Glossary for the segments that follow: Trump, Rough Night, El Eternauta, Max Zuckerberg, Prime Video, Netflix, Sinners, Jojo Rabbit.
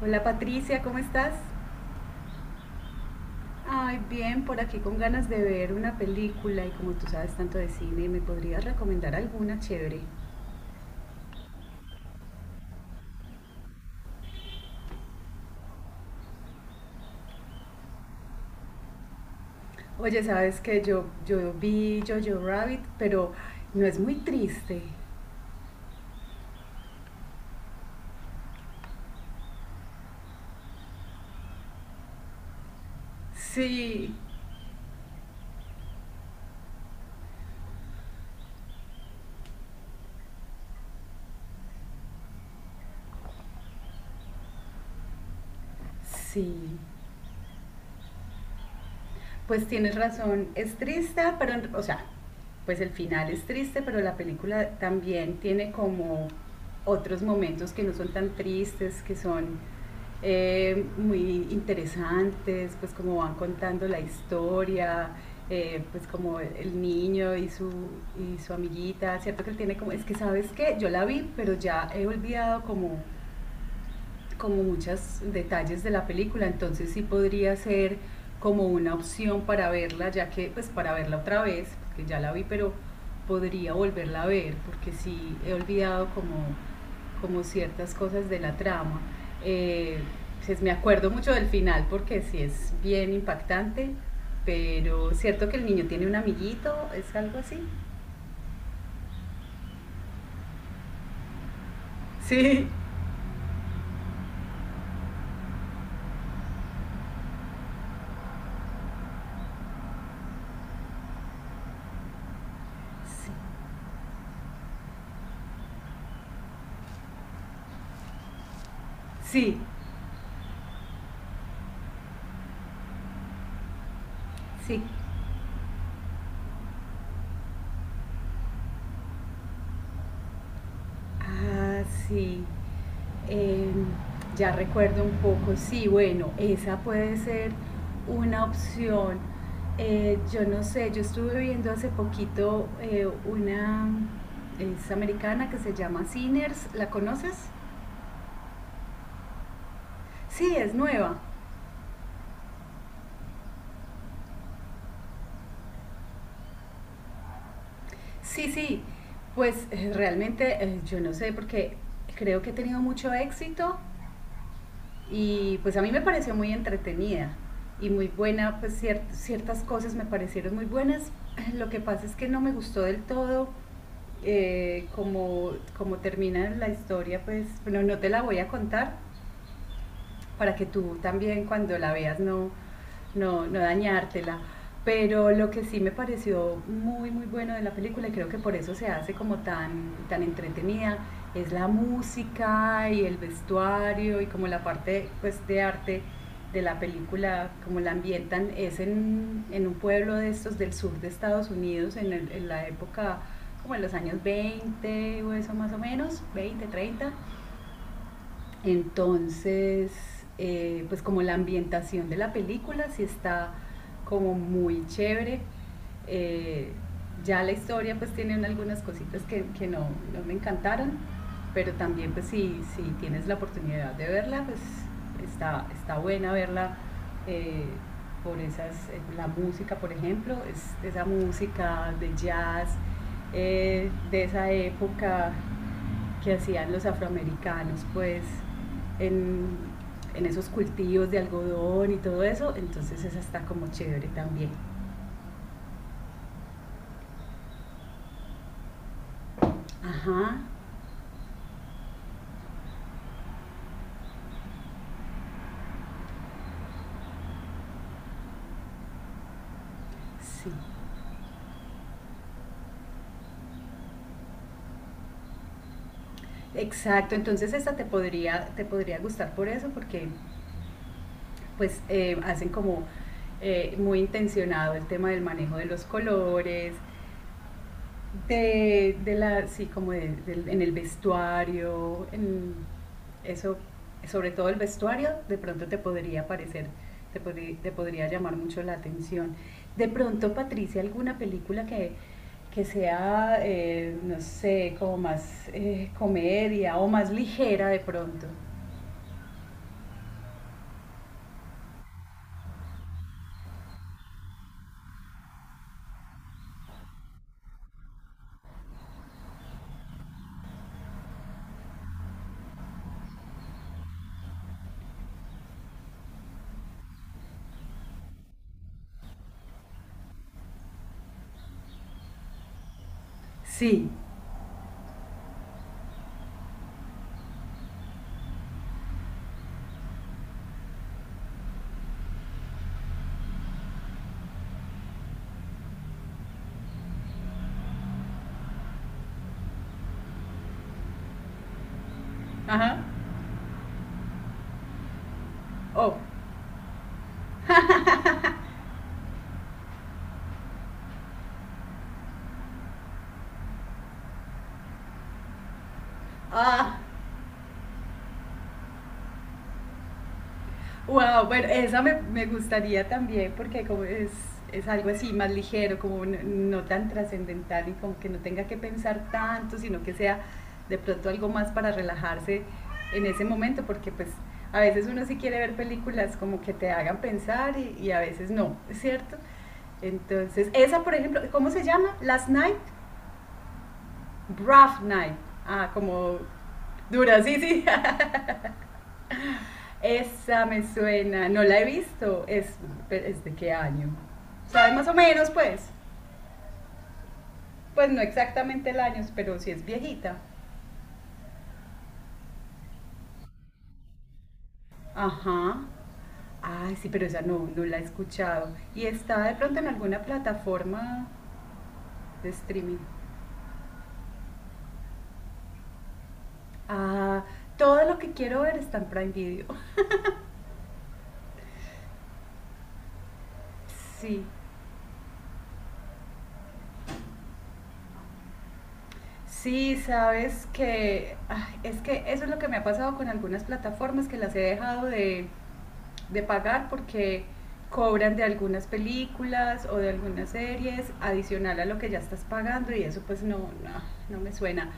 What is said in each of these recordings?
Hola, Patricia, ¿cómo estás? Ay, bien, por aquí con ganas de ver una película y como tú sabes tanto de cine, ¿me podrías recomendar alguna chévere? Oye, sabes que yo vi Jojo Rabbit, pero no es muy triste. Sí, sí, pues tienes razón, es triste, pero, o sea, pues el final es triste, pero la película también tiene como otros momentos que no son tan tristes, que son muy interesantes, pues como van contando la historia, pues como el niño y su amiguita, ¿cierto? Que él tiene como, es que sabes qué yo la vi, pero ya he olvidado como muchos detalles de la película, entonces sí podría ser como una opción para verla, ya que pues para verla otra vez, porque ya la vi, pero podría volverla a ver, porque sí he olvidado como, como ciertas cosas de la trama. Eh, pues, me acuerdo mucho del final porque sí es bien impactante, pero cierto que el niño tiene un amiguito, es algo así. Sí, sí, sí. Sí. Ah, sí. Eh, ya recuerdo un poco, sí, bueno, esa puede ser una opción. Yo no sé, yo estuve viendo hace poquito una, es americana que se llama Sinners, ¿la conoces? Sí, es nueva. Sí, sí, pues realmente yo no sé porque creo que ha tenido mucho éxito y pues a mí me pareció muy entretenida y muy buena, pues ciertas cosas me parecieron muy buenas. Lo que pasa es que no me gustó del todo como, como termina la historia, pues bueno, no te la voy a contar, para que tú también cuando la veas no, no, no dañártela. Pero lo que sí me pareció muy, muy bueno de la película, y creo que por eso se hace como tan, tan entretenida, es la música y el vestuario y como la parte pues, de arte de la película, como la ambientan, es en un pueblo de estos del sur de Estados Unidos, en, el, en la época como en los años 20 o eso más o menos, 20, 30. Entonces, pues como la ambientación de la película sí está como muy chévere. Eh, ya la historia pues tiene algunas cositas que no, no me encantaron, pero también pues si, si tienes la oportunidad de verla, pues está, está buena verla eh, por esas, la música por ejemplo, es, esa música de jazz de esa época que hacían los afroamericanos, pues, en, en esos cultivos de algodón y todo eso, entonces esa está como chévere también. Ajá, sí. Exacto, entonces esta te podría gustar por eso, porque pues hacen como muy intencionado el tema del manejo de los colores. De la, sí, como en el vestuario, en eso, sobre todo el vestuario, de pronto te podría parecer, te, te podría llamar mucho la atención. De pronto, Patricia, alguna película que sea, no sé, como más comedia o más ligera de pronto. Sí, ajá, oh, ah, wow, bueno, esa me, me gustaría también porque como es algo así más ligero, como no, no tan trascendental y como que no tenga que pensar tanto, sino que sea de pronto algo más para relajarse en ese momento, porque pues a veces uno sí quiere ver películas como que te hagan pensar y a veces no, ¿cierto? Entonces, esa por ejemplo, ¿cómo se llama? Last Night, Rough Night, ah, como dura, sí, sí, esa me suena, no la he visto. Es, ¿es de qué año? ¿Sabes más o menos, pues? Pues no exactamente el año, pero sí es viejita. Ajá. Ay, sí, pero esa no, no la he escuchado. ¿Y está de pronto en alguna plataforma de streaming? Ah, todo lo que quiero ver está en Prime Video. Sí, sí, sabes que ay, es que eso es lo que me ha pasado con algunas plataformas que las he dejado de pagar porque cobran de algunas películas o de algunas series adicional a lo que ya estás pagando y eso pues no, no, no me suena.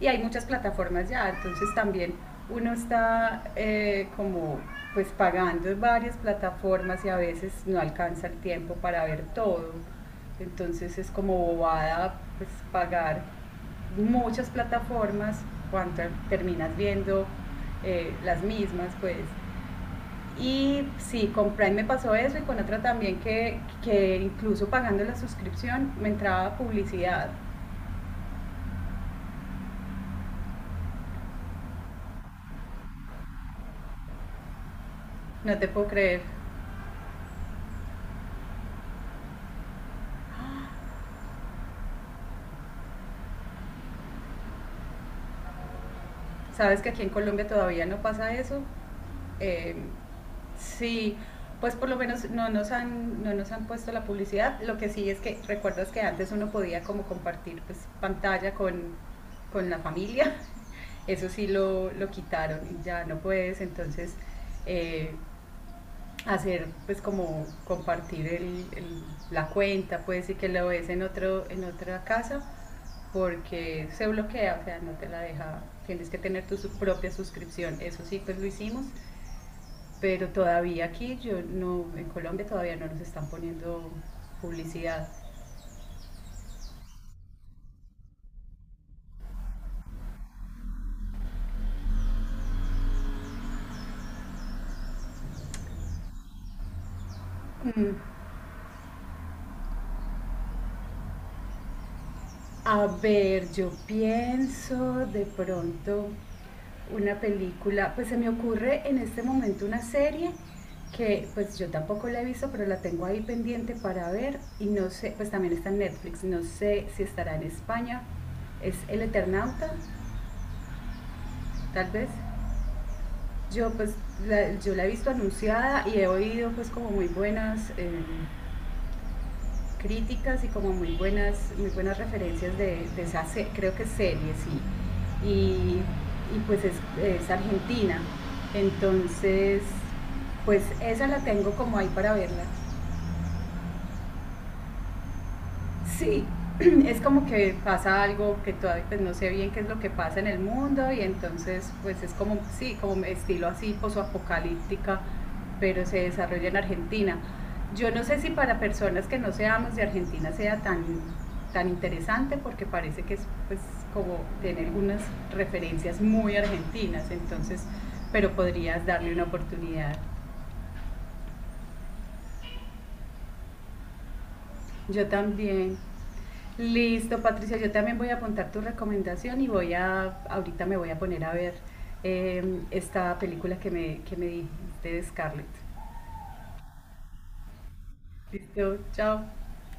Y hay muchas plataformas ya, entonces también uno está como pues pagando varias plataformas y a veces no alcanza el tiempo para ver todo. Entonces es como bobada pues pagar muchas plataformas cuando terminas viendo las mismas pues. Y sí, con Prime me pasó eso y con otra también que incluso pagando la suscripción me entraba publicidad. No te puedo creer. Sabes que aquí en Colombia todavía no pasa eso. Eh, sí, pues por lo menos no nos, han, no nos han puesto la publicidad. Lo que sí es que recuerdas que antes uno podía como compartir pues, pantalla con la familia. Eso sí lo quitaron, ya no puedes. Entonces eh, hacer pues como compartir el, la cuenta, puede decir que lo ves en otro, en otra casa, porque se bloquea, o sea, no te la deja, tienes que tener tu propia suscripción. Eso sí, pues lo hicimos, pero todavía aquí yo no, en Colombia todavía no nos están poniendo publicidad. Mm. A ver, yo pienso de pronto una película, pues se me ocurre en este momento una serie que pues yo tampoco la he visto, pero la tengo ahí pendiente para ver y no sé, pues también está en Netflix, no sé si estará en España, es El Eternauta, tal vez. Yo pues yo la he visto anunciada y he oído pues como muy buenas, críticas y como muy buenas referencias de esa, creo que serie, sí. Y pues es argentina. Entonces, pues esa la tengo como ahí para verla. Sí, es como que pasa algo que todavía pues, no sé bien qué es lo que pasa en el mundo y entonces pues es como, sí, como estilo así posoapocalíptica, pero se desarrolla en Argentina. Yo no sé si para personas que no seamos de Argentina sea tan, tan interesante porque parece que es pues como tener algunas referencias muy argentinas, entonces, pero podrías darle una oportunidad. Yo también. Listo, Patricia, yo también voy a apuntar tu recomendación y voy a, ahorita me voy a poner a ver eh, esta película que me dijiste de Scarlett. Listo, chao.